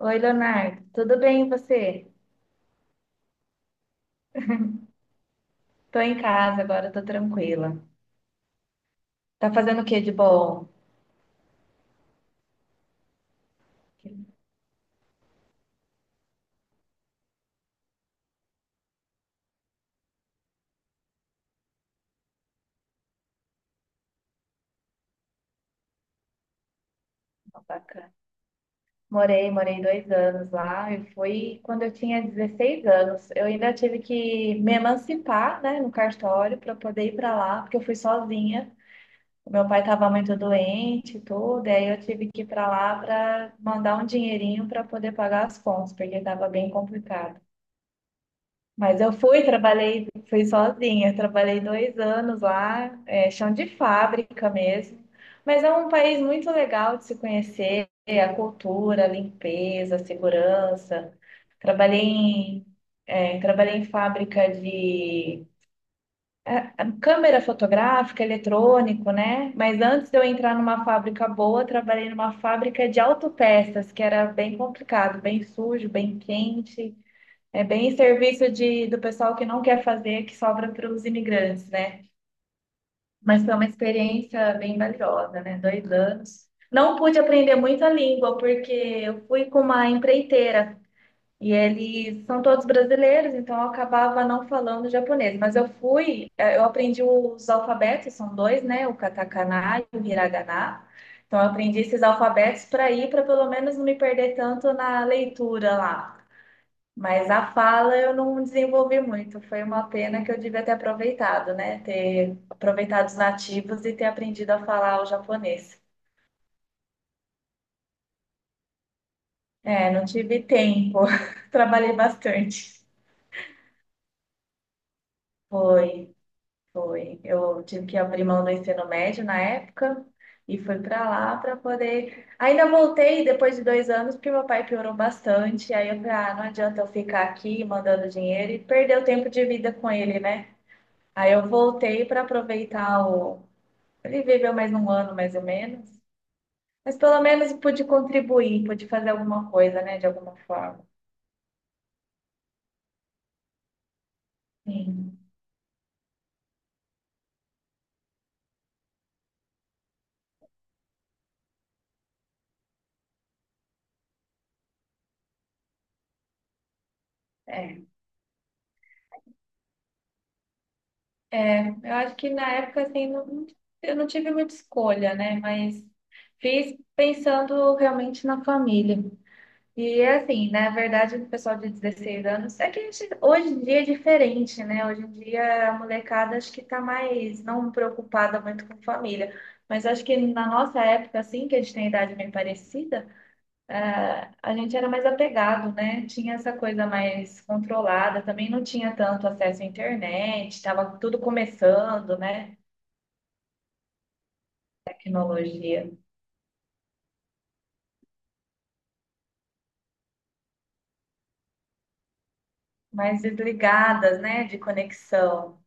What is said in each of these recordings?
Oi, Leonardo. Tudo bem, e você? Tô em casa agora, tô tranquila. Tá fazendo o que de bom? Que bacana. Morei 2 anos lá e foi quando eu tinha 16 anos. Eu ainda tive que me emancipar, né, no cartório para poder ir para lá, porque eu fui sozinha. O meu pai estava muito doente e tudo, e aí eu tive que ir para lá para mandar um dinheirinho para poder pagar as contas, porque estava bem complicado. Mas eu fui, trabalhei, fui sozinha, trabalhei 2 anos lá, é, chão de fábrica mesmo. Mas é um país muito legal de se conhecer, a cultura, a limpeza, a segurança. Trabalhei em, trabalhei em fábrica de é, é, câmera fotográfica, eletrônico, né? Mas antes de eu entrar numa fábrica boa, trabalhei numa fábrica de autopeças, que era bem complicado, bem sujo, bem quente. É bem serviço de, do pessoal que não quer fazer, que sobra para os imigrantes, né? Mas foi uma experiência bem valiosa, né? 2 anos. Não pude aprender muito a língua, porque eu fui com uma empreiteira e eles são todos brasileiros, então eu acabava não falando japonês. Mas eu fui, eu aprendi os alfabetos, são dois, né? O katakana e o hiragana. Então eu aprendi esses alfabetos para ir, para pelo menos não me perder tanto na leitura lá. Mas a fala eu não desenvolvi muito. Foi uma pena que eu devia ter aproveitado, né? Ter aproveitado os nativos e ter aprendido a falar o japonês. É, não tive tempo. Trabalhei bastante. Foi, foi. Eu tive que abrir mão do ensino médio na época e fui para lá para poder. Ainda voltei depois de 2 anos, porque meu pai piorou bastante. Aí eu falei, ah, não adianta eu ficar aqui mandando dinheiro e perder o tempo de vida com ele, né? Aí eu voltei para aproveitar o Ele viveu mais um ano, mais ou menos. Mas pelo menos pude contribuir, pude fazer alguma coisa, né, de alguma forma. Sim, é. Eu acho que na época, assim, eu não tive muita escolha, né? Mas fiz pensando realmente na família. E é assim, na verdade, o pessoal de 16 anos, é que a gente, hoje em dia é diferente, né? Hoje em dia a molecada acho que tá mais não preocupada muito com família. Mas acho que na nossa época, assim, que a gente tem idade bem parecida, é, a gente era mais apegado, né? Tinha essa coisa mais controlada, também não tinha tanto acesso à internet, estava tudo começando, né? Tecnologia, mais desligadas, né? De conexão.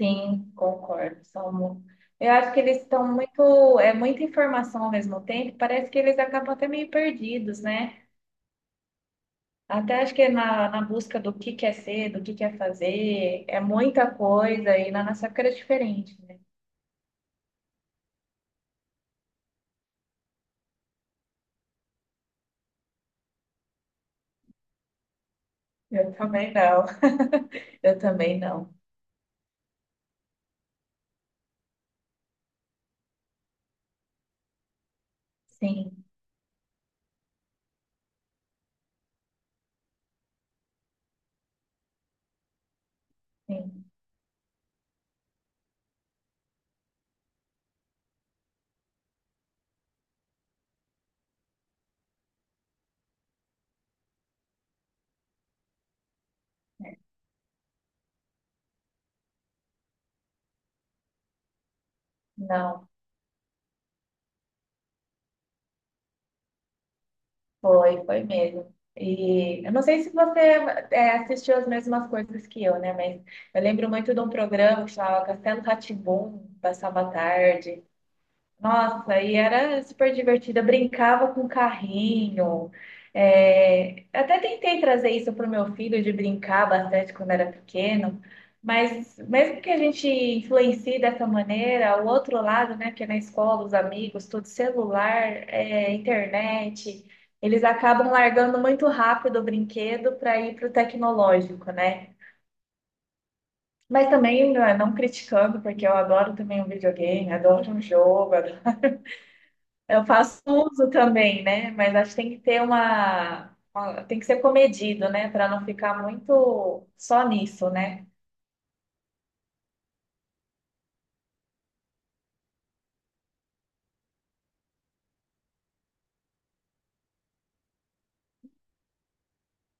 Sim, concordo, eu acho que eles estão muito, é muita informação ao mesmo tempo, parece que eles acabam até meio perdidos, né? Até acho que na busca do que quer ser, do que quer fazer, é muita coisa, e na nossa época era diferente, né? Eu também não. Eu também não. Sim, sim. É. Não, foi, foi mesmo. E eu não sei se você é, assistiu as mesmas coisas que eu, né? Mas eu lembro muito de um programa que chamava Castelo rá tim passava à tarde. Nossa, e era super divertida, brincava com carrinho. É, até tentei trazer isso para o meu filho de brincar bastante quando era pequeno, mas mesmo que a gente influencie dessa maneira, o outro lado, né, que é na escola, os amigos, tudo celular, é, internet, eles acabam largando muito rápido o brinquedo para ir para o tecnológico, né? Mas também não, é, não criticando, porque eu adoro também um videogame, adoro um jogo, eu faço uso também, né? Mas acho que tem que ter tem que ser comedido, né? Para não ficar muito só nisso, né?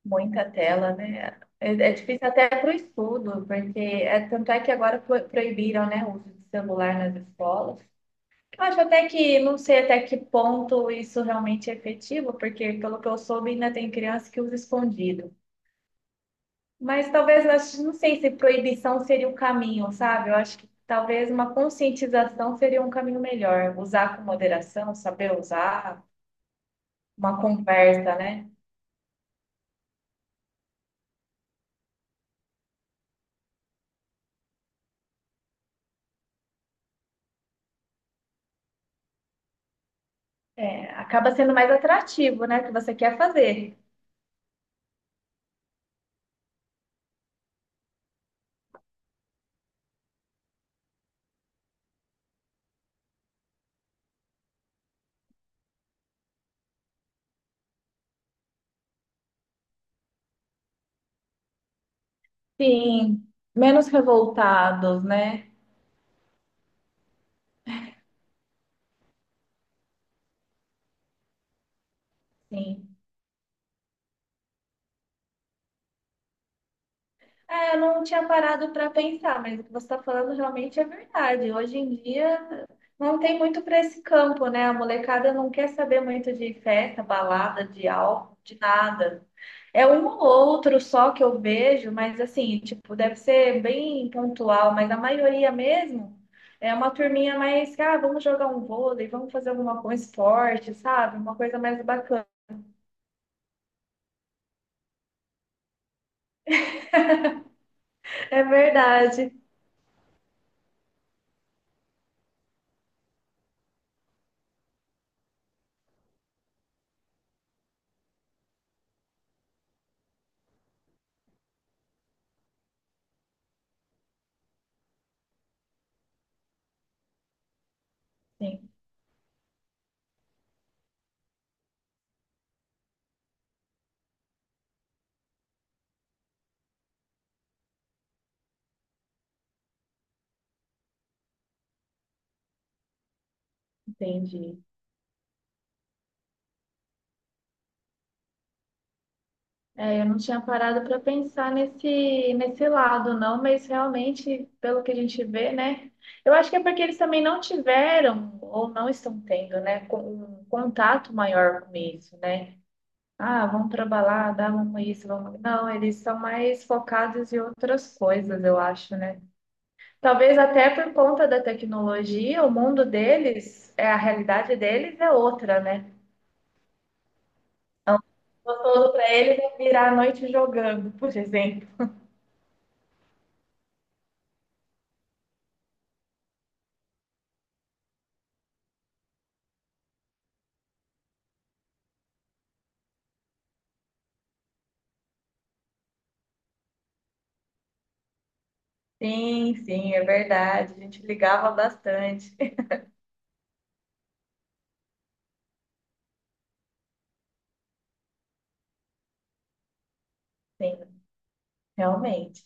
Muita tela, né? É, é difícil até para o estudo, porque é, tanto é que agora proibiram, né, o uso de celular nas escolas. Eu acho até que, não sei até que ponto isso realmente é efetivo, porque pelo que eu soube, ainda tem criança que usa escondido. Mas talvez, eu acho- não sei se proibição seria o caminho, sabe? Eu acho que talvez uma conscientização seria um caminho melhor. Usar com moderação, saber usar, uma conversa, né? É, acaba sendo mais atrativo, né? O que você quer fazer. Sim, menos revoltados, né? Sim. É, eu não tinha parado para pensar, mas o que você está falando realmente é verdade. Hoje em dia não tem muito para esse campo, né? A molecada não quer saber muito de festa, balada, de álcool, de nada. É um ou outro só que eu vejo, mas assim, tipo, deve ser bem pontual, mas a maioria mesmo é uma turminha mais, que, ah, vamos jogar um vôlei, vamos fazer alguma coisa, esporte, sabe? Uma coisa mais bacana. É verdade. Sim, entendi. É, eu não tinha parado para pensar nesse lado, não, mas realmente, pelo que a gente vê, né? Eu acho que é porque eles também não tiveram ou não estão tendo, né, um contato maior com isso, né? Ah, vamos pra balada, vamos isso, vamos. Não, eles são mais focados em outras coisas, eu acho, né? Talvez até por conta da tecnologia, o mundo deles, é a realidade deles é outra, né? Gostoso pra eles é virar a noite jogando, por exemplo. Sim, sim, é verdade. A gente ligava bastante. Sim, realmente.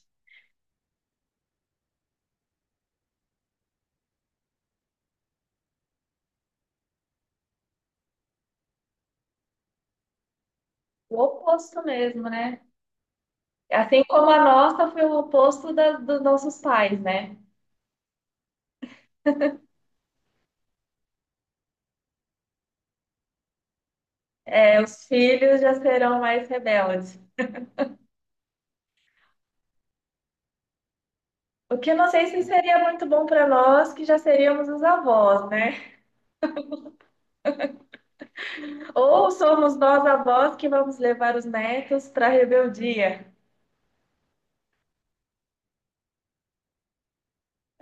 O oposto mesmo, né? Assim como a nossa foi o oposto dos nossos pais, né? É, os filhos já serão mais rebeldes. O que eu não sei se seria muito bom para nós, que já seríamos os avós, né? Ou somos nós avós que vamos levar os netos para a rebeldia.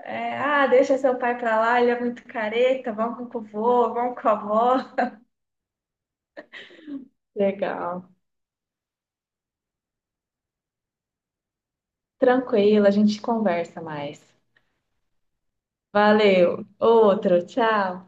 É, ah, deixa seu pai para lá, ele é muito careta, vamos com o vô, vamos com a avó. Legal. Tranquilo, a gente conversa mais. Valeu. Outro, tchau.